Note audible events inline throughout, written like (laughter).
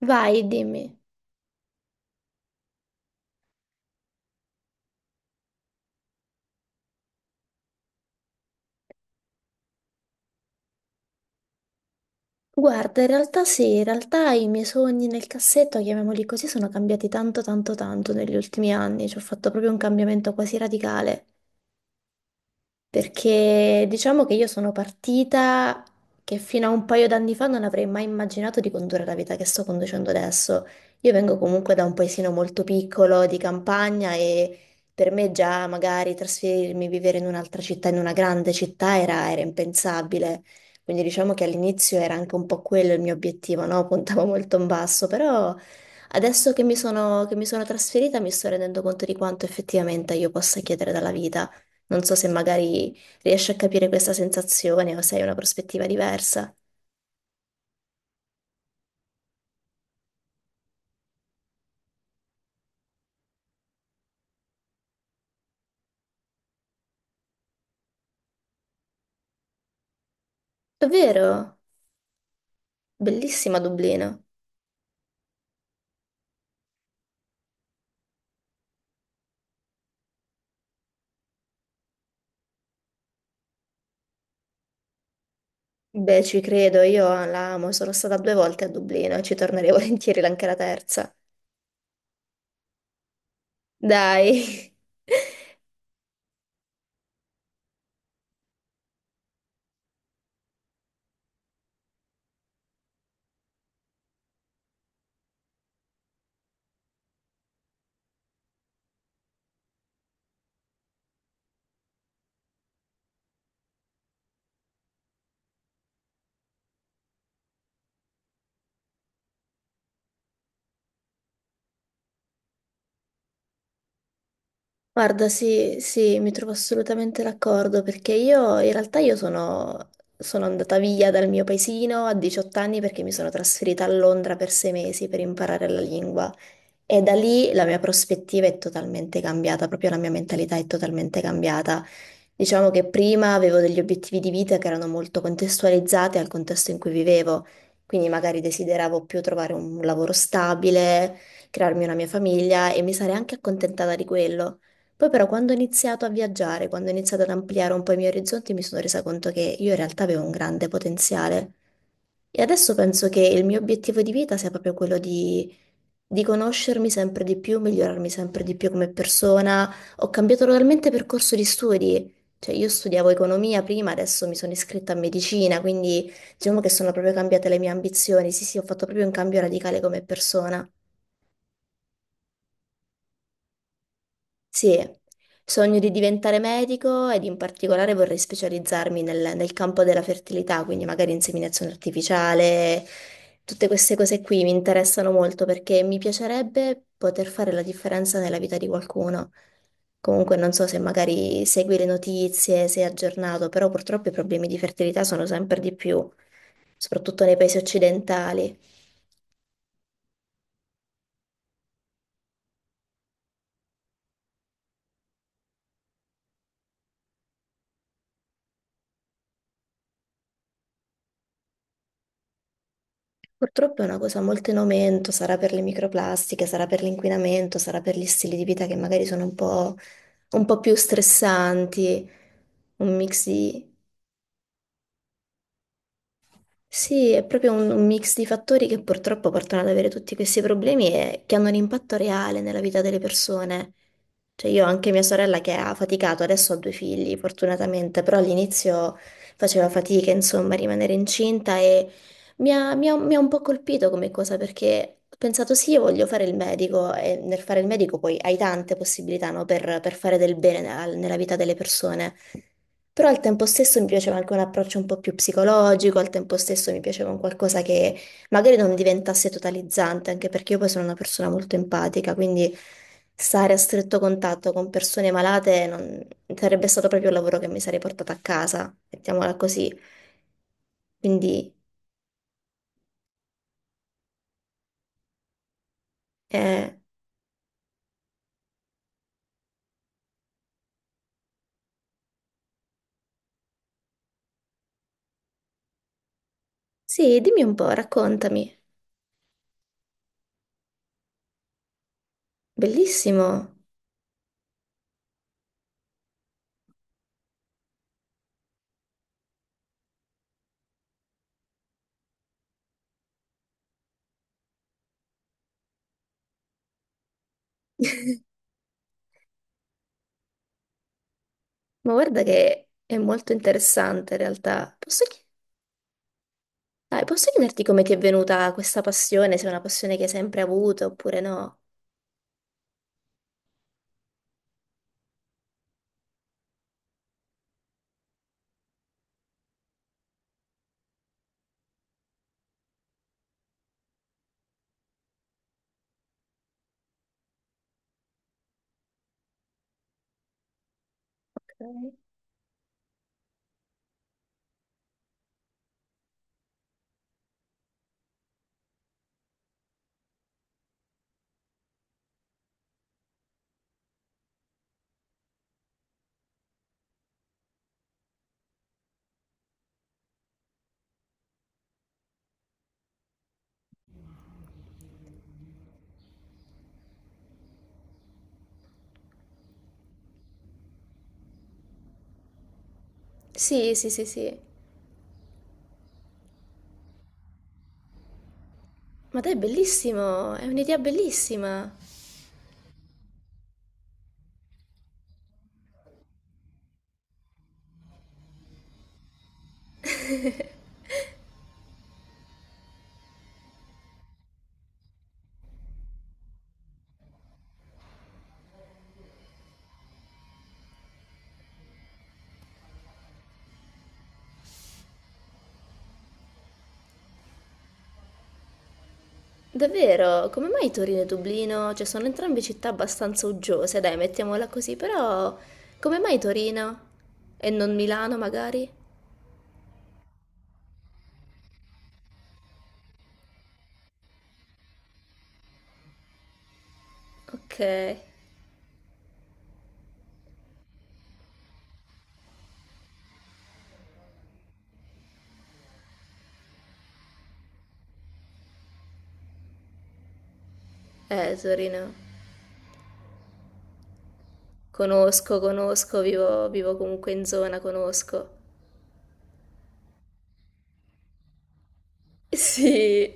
Vai, dimmi. Guarda, in realtà sì, in realtà i miei sogni nel cassetto, chiamiamoli così, sono cambiati tanto, tanto, tanto negli ultimi anni. Ci ho fatto proprio un cambiamento quasi radicale. Perché diciamo che io sono partita che fino a un paio d'anni fa non avrei mai immaginato di condurre la vita che sto conducendo adesso. Io vengo comunque da un paesino molto piccolo di campagna e per me già magari trasferirmi, vivere in un'altra città, in una grande città, era impensabile. Quindi diciamo che all'inizio era anche un po' quello il mio obiettivo, no? (laughs) Puntavo molto in basso, però adesso che mi sono trasferita mi sto rendendo conto di quanto effettivamente io possa chiedere dalla vita. Non so se magari riesci a capire questa sensazione o se hai una prospettiva diversa. Davvero? Bellissima Dublino. Beh, ci credo, io la amo, sono stata due volte a Dublino e ci tornerei (laughs) volentieri anche la terza. Dai. (laughs) Guarda, sì, sì, mi trovo assolutamente d'accordo perché io in realtà io sono andata via dal mio paesino a 18 anni perché mi sono trasferita a Londra per 6 mesi per imparare la lingua. E da lì la mia prospettiva è totalmente cambiata, proprio la mia mentalità è totalmente cambiata. Diciamo che prima avevo degli obiettivi di vita che erano molto contestualizzati al contesto in cui vivevo, quindi magari desideravo più trovare un lavoro stabile, crearmi una mia famiglia e mi sarei anche accontentata di quello. Poi però quando ho iniziato a viaggiare, quando ho iniziato ad ampliare un po' i miei orizzonti, mi sono resa conto che io in realtà avevo un grande potenziale. E adesso penso che il mio obiettivo di vita sia proprio quello di conoscermi sempre di più, migliorarmi sempre di più come persona. Ho cambiato totalmente percorso di studi. Cioè, io studiavo economia prima, adesso mi sono iscritta a medicina, quindi diciamo che sono proprio cambiate le mie ambizioni. Sì, sì, ho fatto proprio un cambio radicale come persona. Sì, sogno di diventare medico ed in particolare vorrei specializzarmi nel campo della fertilità, quindi magari inseminazione artificiale, tutte queste cose qui mi interessano molto perché mi piacerebbe poter fare la differenza nella vita di qualcuno. Comunque non so se magari segui le notizie, sei aggiornato, però purtroppo i problemi di fertilità sono sempre di più, soprattutto nei paesi occidentali. Purtroppo è una cosa molto in aumento, sarà per le microplastiche, sarà per l'inquinamento, sarà per gli stili di vita che magari sono un po' più stressanti, un mix di... Sì, è proprio un mix di fattori che purtroppo portano ad avere tutti questi problemi e che hanno un impatto reale nella vita delle persone. Cioè io ho anche mia sorella che ha faticato, adesso ho due figli fortunatamente, però all'inizio faceva fatica insomma a rimanere incinta e mi ha un po' colpito come cosa perché ho pensato sì, io voglio fare il medico e nel fare il medico poi hai tante possibilità no, per fare del bene nella vita delle persone. Però al tempo stesso mi piaceva anche un approccio un po' più psicologico, al tempo stesso mi piaceva un qualcosa che magari non diventasse totalizzante, anche perché io poi sono una persona molto empatica, quindi stare a stretto contatto con persone malate non... sarebbe stato proprio il lavoro che mi sarei portata a casa, mettiamola così. Quindi, eh, sì, dimmi un po', raccontami. Bellissimo. (laughs) Ma guarda che è molto interessante in realtà. Posso. Dai, posso chiederti come ti è venuta questa passione, se è una passione che hai sempre avuto oppure no? Ok. Sì, sì, sì, sì. Ma dai, è bellissimo, è un'idea bellissima. Davvero, come mai Torino e Dublino? Cioè, sono entrambe città abbastanza uggiose, dai, mettiamola così, però come mai Torino? E non Milano, magari? Ok, Torino. Conosco, conosco, vivo comunque in zona, conosco. (laughs) Sì.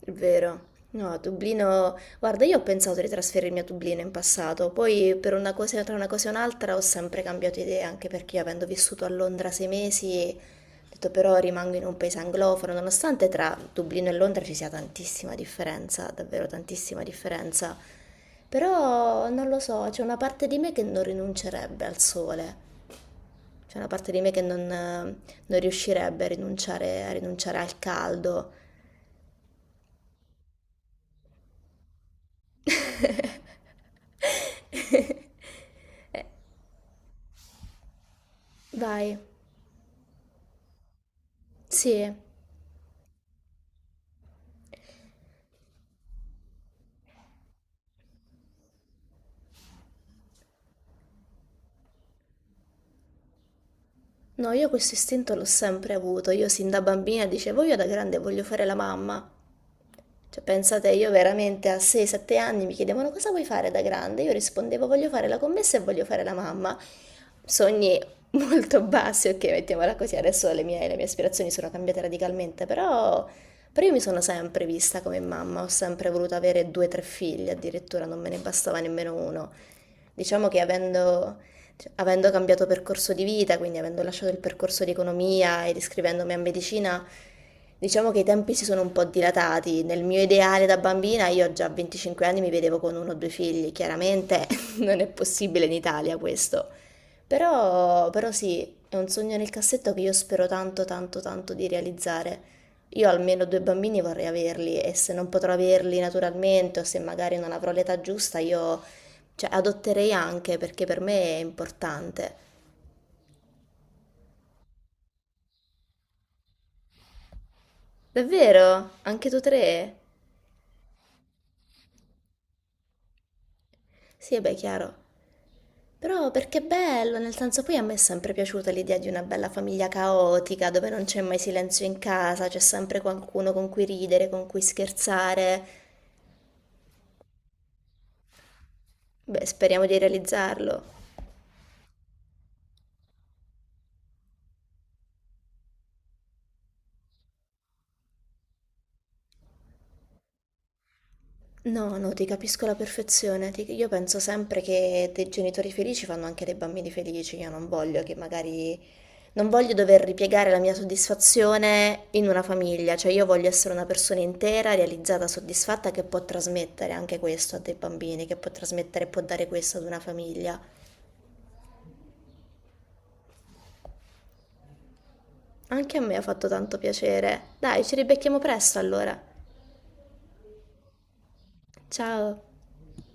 È vero. No, Dublino. Guarda, io ho pensato di trasferirmi a Dublino in passato, poi per una cosa, tra una cosa e un'altra ho sempre cambiato idea, anche perché io avendo vissuto a Londra 6 mesi, ho detto però rimango in un paese anglofono, nonostante tra Dublino e Londra ci sia tantissima differenza, davvero tantissima differenza. Però non lo so, c'è una parte di me che non rinuncerebbe al sole, c'è una parte di me che non riuscirebbe a rinunciare, al caldo. (laughs) Eh, Vai, sì. No, io questo istinto l'ho sempre avuto. Io sin da bambina dicevo, io da grande voglio fare la mamma. Cioè, pensate, io veramente a 6-7 anni mi chiedevano cosa vuoi fare da grande? Io rispondevo voglio fare la commessa e voglio fare la mamma. Sogni (laughs) molto bassi, ok, mettiamola così. Adesso le mie aspirazioni sono cambiate radicalmente, però io mi sono sempre vista come mamma, ho sempre voluto avere due o tre figli, addirittura non me ne bastava nemmeno uno. Diciamo che avendo, cioè, avendo cambiato percorso di vita, quindi avendo lasciato il percorso di economia ed iscrivendomi a medicina, diciamo che i tempi si sono un po' dilatati. Nel mio ideale da bambina, io già a 25 anni mi vedevo con uno o due figli, chiaramente (laughs) non è possibile in Italia questo. però sì, è un sogno nel cassetto che io spero tanto, tanto, tanto di realizzare. Io almeno due bambini vorrei averli e se non potrò averli naturalmente o se magari non avrò l'età giusta, io, cioè, adotterei anche perché per me è importante. Davvero? Anche tu tre? Sì, e beh, chiaro. Però perché è bello, nel senso poi a me è sempre piaciuta l'idea di una bella famiglia caotica, dove non c'è mai silenzio in casa, c'è sempre qualcuno con cui ridere, con cui scherzare. Beh, speriamo di realizzarlo. No, no, ti capisco alla perfezione. Io penso sempre che dei genitori felici fanno anche dei bambini felici. Io non voglio che magari... Non voglio dover ripiegare la mia soddisfazione in una famiglia. Cioè, io voglio essere una persona intera, realizzata, soddisfatta, che può trasmettere anche questo a dei bambini, che può trasmettere e può dare questo ad una famiglia. Anche a me ha fatto tanto piacere. Dai, ci ribecchiamo presto allora. Ciao.